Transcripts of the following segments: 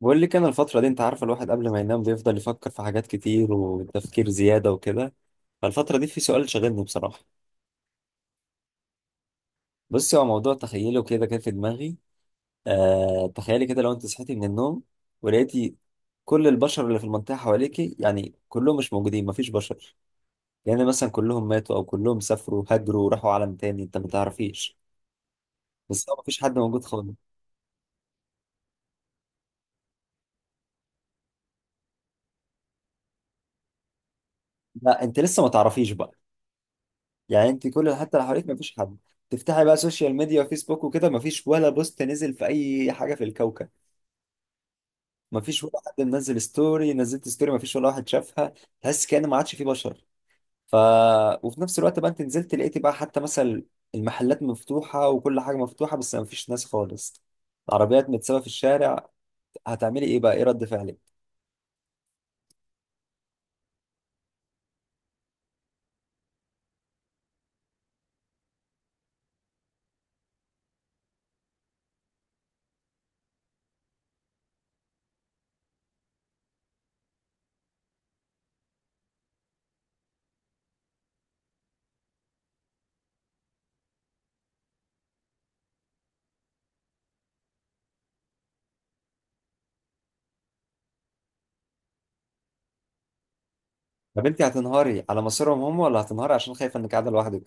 بقول لك انا الفترة دي، انت عارفة، الواحد قبل ما ينام بيفضل يفكر في حاجات كتير وتفكير زيادة وكده. فالفترة دي في سؤال شاغلني بصراحة. بصي، هو موضوع تخيله كده كان في دماغي. آه، تخيلي كده لو انت صحيتي من النوم ولقيتي كل البشر اللي في المنطقة حواليكي، يعني كلهم مش موجودين، مفيش بشر. يعني مثلا كلهم ماتوا او كلهم سافروا هاجروا وراحوا عالم تاني انت ما تعرفيش. بس هو مفيش حد موجود خالص. لا، انت لسه ما تعرفيش بقى. يعني انت كل، حتى لو حواليك مفيش حد، تفتحي بقى سوشيال ميديا وفيسبوك وكده، مفيش ولا بوست نزل في اي حاجه في الكوكب. مفيش ولا حد منزل ستوري، نزلت ستوري مفيش ولا واحد شافها. تحس كأن ما عادش فيه بشر. ف وفي نفس الوقت بقى انت نزلت لقيتي بقى حتى مثلا المحلات مفتوحه وكل حاجه مفتوحه بس مفيش ناس خالص. العربيات متسابه في الشارع. هتعملي ايه بقى؟ ايه رد فعلك؟ طب انت هتنهاري على مصيرهم هم ولا هتنهاري عشان خايفه انك قاعده لوحدك؟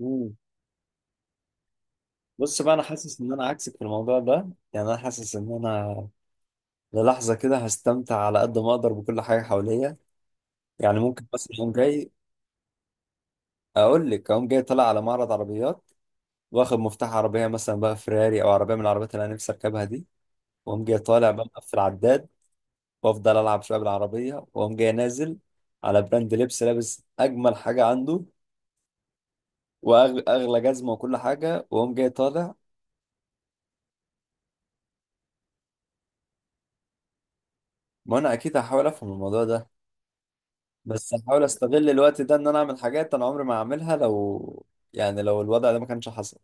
مم. بص بقى، انا حاسس ان انا عكسك في الموضوع ده. يعني انا حاسس ان انا للحظة كده هستمتع على قد ما أقدر بكل حاجة حواليا. يعني ممكن مثلا أقوم جاي، أقول لك أقوم جاي طالع على معرض عربيات وآخد مفتاح عربية مثلا بقى فيراري أو عربية من العربيات اللي أنا نفسي أركبها دي، وأقوم جاي طالع بقى مقفل العداد. وأفضل ألعب شوية بالعربية، وأقوم جاي نازل على براند لبس، لابس أجمل حاجة عنده وأغلى جزمة وكل حاجة، وأقوم جاي طالع. ما أنا أكيد هحاول أفهم الموضوع ده، بس هحاول أستغل الوقت ده إن أنا أعمل حاجات أنا عمري ما هعملها لو، يعني لو الوضع ده ما كانش حصل.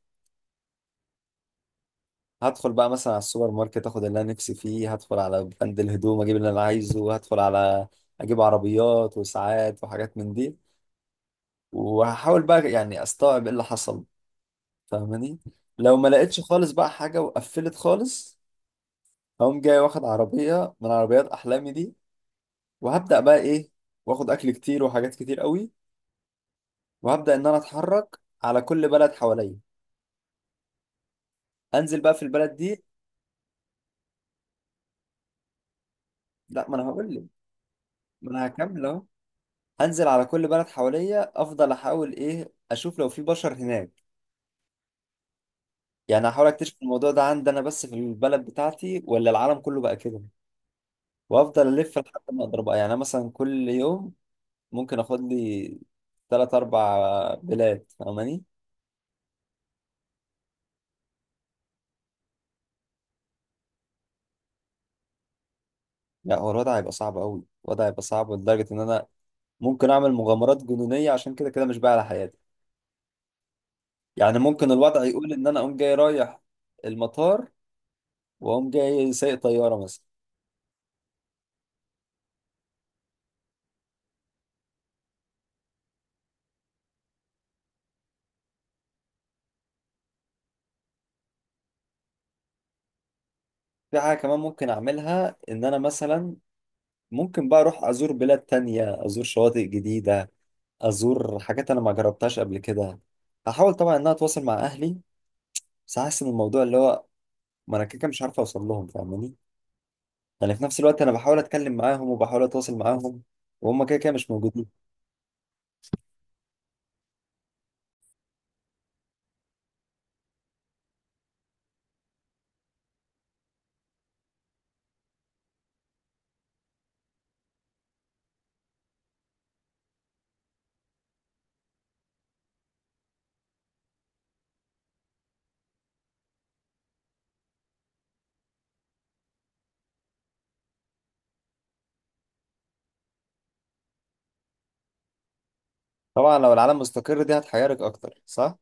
هدخل بقى مثلا على السوبر ماركت اخد اللي انا نفسي فيه، هدخل على بند الهدوم اجيب اللي انا عايزه، هدخل على، اجيب عربيات وساعات وحاجات من دي. وهحاول بقى يعني استوعب ايه اللي حصل، فاهماني؟ لو ما لقيتش خالص بقى حاجة وقفلت خالص، هقوم جاي واخد عربية من عربيات احلامي دي، وهبدأ بقى ايه، واخد اكل كتير وحاجات كتير قوي، وهبدأ ان انا اتحرك على كل بلد حواليا. انزل بقى في البلد دي، لا ما انا هقول لك، ما انا هكمل اهو. انزل على كل بلد حواليا، افضل احاول ايه اشوف لو في بشر هناك. يعني هحاول اكتشف الموضوع ده عندي انا بس في البلد بتاعتي ولا العالم كله بقى كده. وافضل الف لحد ما اقدر بقى. يعني أنا مثلا كل يوم ممكن اخد لي ثلاث اربع بلاد، فاهماني؟ لا هو الوضع هيبقى صعب قوي، الوضع هيبقى صعب لدرجة ان انا ممكن اعمل مغامرات جنونية عشان كده كده مش بقى على حياتي. يعني ممكن الوضع يقول ان انا اقوم جاي رايح المطار واقوم جاي سايق طيارة مثلا. في حاجة كمان ممكن أعملها، إن أنا مثلا ممكن بقى أروح أزور بلاد تانية، أزور شواطئ جديدة، أزور حاجات أنا ما جربتهاش قبل كده. هحاول طبعا إن أنا أتواصل مع أهلي، بس حاسس إن الموضوع اللي هو، ما أنا كده كده مش عارف أوصل لهم، فاهماني؟ يعني في نفس الوقت أنا بحاول أتكلم معاهم وبحاول أتواصل معاهم وهم كده كده مش موجودين. طبعا لو العالم مستقر دي هتحيرك أكتر، صح؟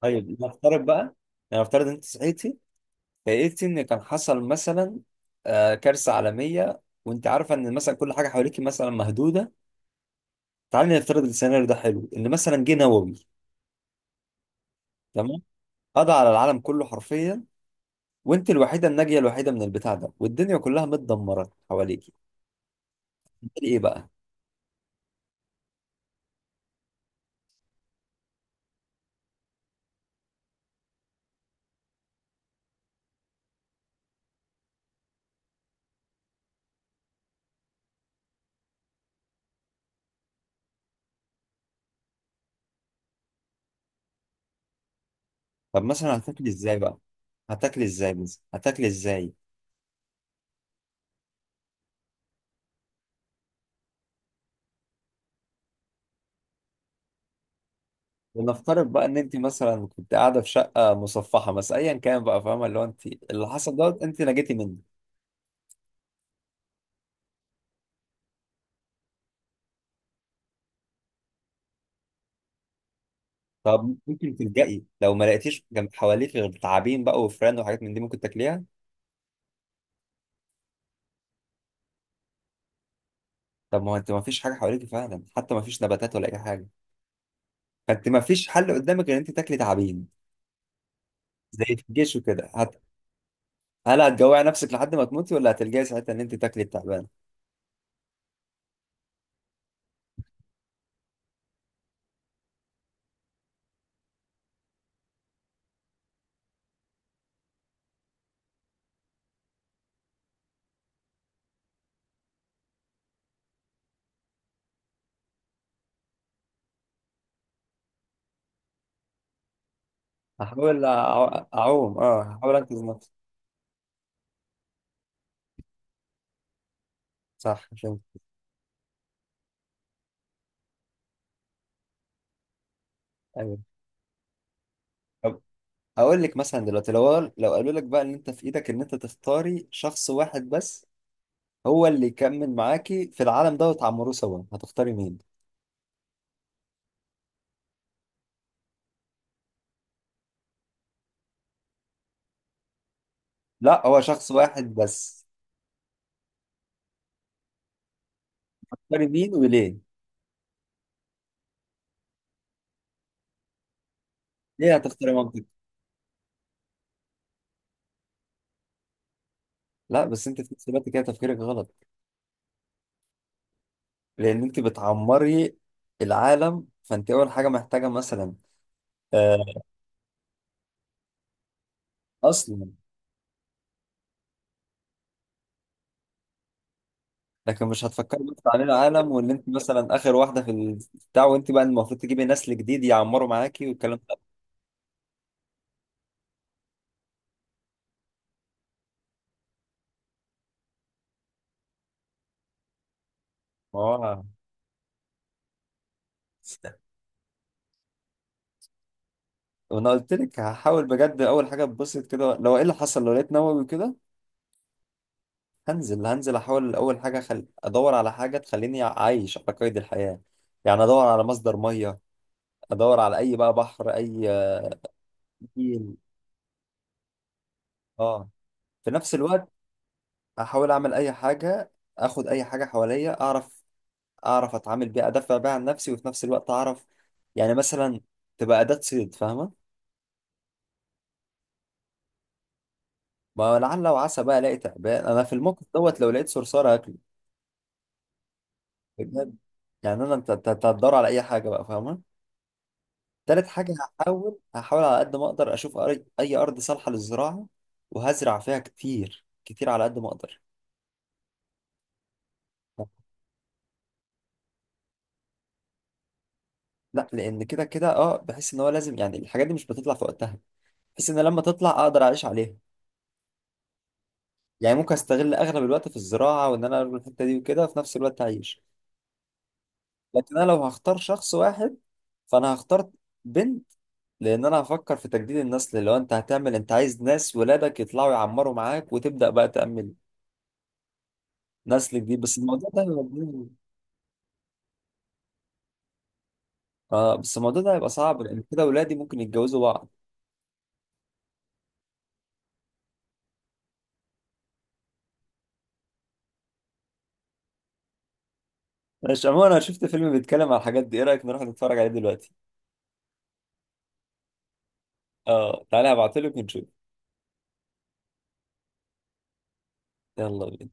طيب نفترض بقى، يعني نفترض أنت صحيتي فقلت ان كان حصل مثلا، كارثه عالميه، وانت عارفه ان مثلا كل حاجه حواليك مثلا مهدوده. تعالي نفترض السيناريو ده، حلو ان مثلا جه نووي. تمام، قضى على العالم كله حرفيا، وانت الوحيده الناجيه الوحيده من البتاع ده، والدنيا كلها متدمره حواليك. هتعملي ايه بقى؟ طب مثلا هتاكلي ازاي بقى؟ هتاكلي ازاي؟ ونفترض بقى ان انت مثلا كنت قاعده في شقه مصفحه مثلا ايا كان بقى، فاهمه؟ اللي هو انت اللي حصل دوت انت نجيتي منه. طب ممكن تلجئي لو ما لقيتيش جنب حواليك غير تعابين بقى وفران وحاجات من دي، ممكن تاكليها؟ طب ما هو انت ما فيش حاجه حواليك فعلا، حتى ما فيش نباتات ولا اي حاجه. فانت ما فيش حل قدامك غير ان انت تاكلي تعابين، زي في الجيش وكده. هل هتجوعي نفسك لحد ما تموتي، ولا هتلجئي ساعتها ان انت تاكلي التعبان؟ اعوم، اه هحاول انقذ نفسي. صح، فهمت. ايوه. طب اقول لك مثلا دلوقتي، لو قالوا لك بقى ان انت في ايدك ان انت تختاري شخص واحد بس هو اللي يكمل معاكي في العالم ده وتعمروه سوا، هتختاري مين؟ لا هو شخص واحد بس. تختاري مين وليه؟ ليه هتختاري مامتك؟ لا بس انت في نفس الوقت كده تفكيرك غلط. لان انت بتعمري العالم، فانت اول حاجه محتاجه مثلا، آه، اصلا. لكن مش هتفكري بس عن العالم وان انت مثلا اخر واحده في البتاع وانت بقى المفروض تجيبي نسل جديد يعمروا معاكي والكلام ده. ما هو، وانا قلت لك هحاول بجد اول حاجه اتبسط كده، لو ايه اللي حصل، لو لقيت نووي كده. هنزل احاول اول حاجه ادور على حاجه تخليني عايش على قيد الحياه. يعني ادور على مصدر ميه، ادور على اي بقى بحر، اي نيل. اه، في نفس الوقت احاول اعمل اي حاجه، اخد اي حاجه حواليا اعرف، اعرف اتعامل بيها ادافع بيها عن نفسي، وفي نفس الوقت اعرف، يعني مثلا تبقى اداه صيد، فاهمه؟ ما لعل وعسى بقى الاقي تعبان، انا في الموقف دوت لو لقيت صرصار هاكله، بجد. يعني انا، أنت هتدور على اي حاجه بقى، فاهمه؟ تالت حاجة هحاول على قد ما أقدر أشوف أي أرض صالحة للزراعة، وهزرع فيها كتير كتير على قد ما أقدر. لا لأن كده كده، أه بحس إن هو لازم، يعني الحاجات دي مش بتطلع في وقتها، بحس إن لما تطلع أقدر أعيش عليها. يعني ممكن أستغل أغلب الوقت في الزراعة وإن أنا أروح الحتة دي وكده، وفي نفس الوقت أعيش. لكن أنا لو هختار شخص واحد، فأنا هختار بنت. لأن أنا هفكر في تجديد النسل، اللي هو أنت هتعمل، أنت عايز ناس ولادك يطلعوا يعمروا معاك وتبدأ بقى تأمل نسل جديد، بس الموضوع ده، اه بس الموضوع ده هيبقى صعب لان كده ولادي ممكن يتجوزوا بعض. مش عموما، انا شفت فيلم بيتكلم على الحاجات دي، ايه رايك نروح نتفرج عليه دلوقتي؟ اه تعالى، هبعتلك ونشوف. يلا بينا.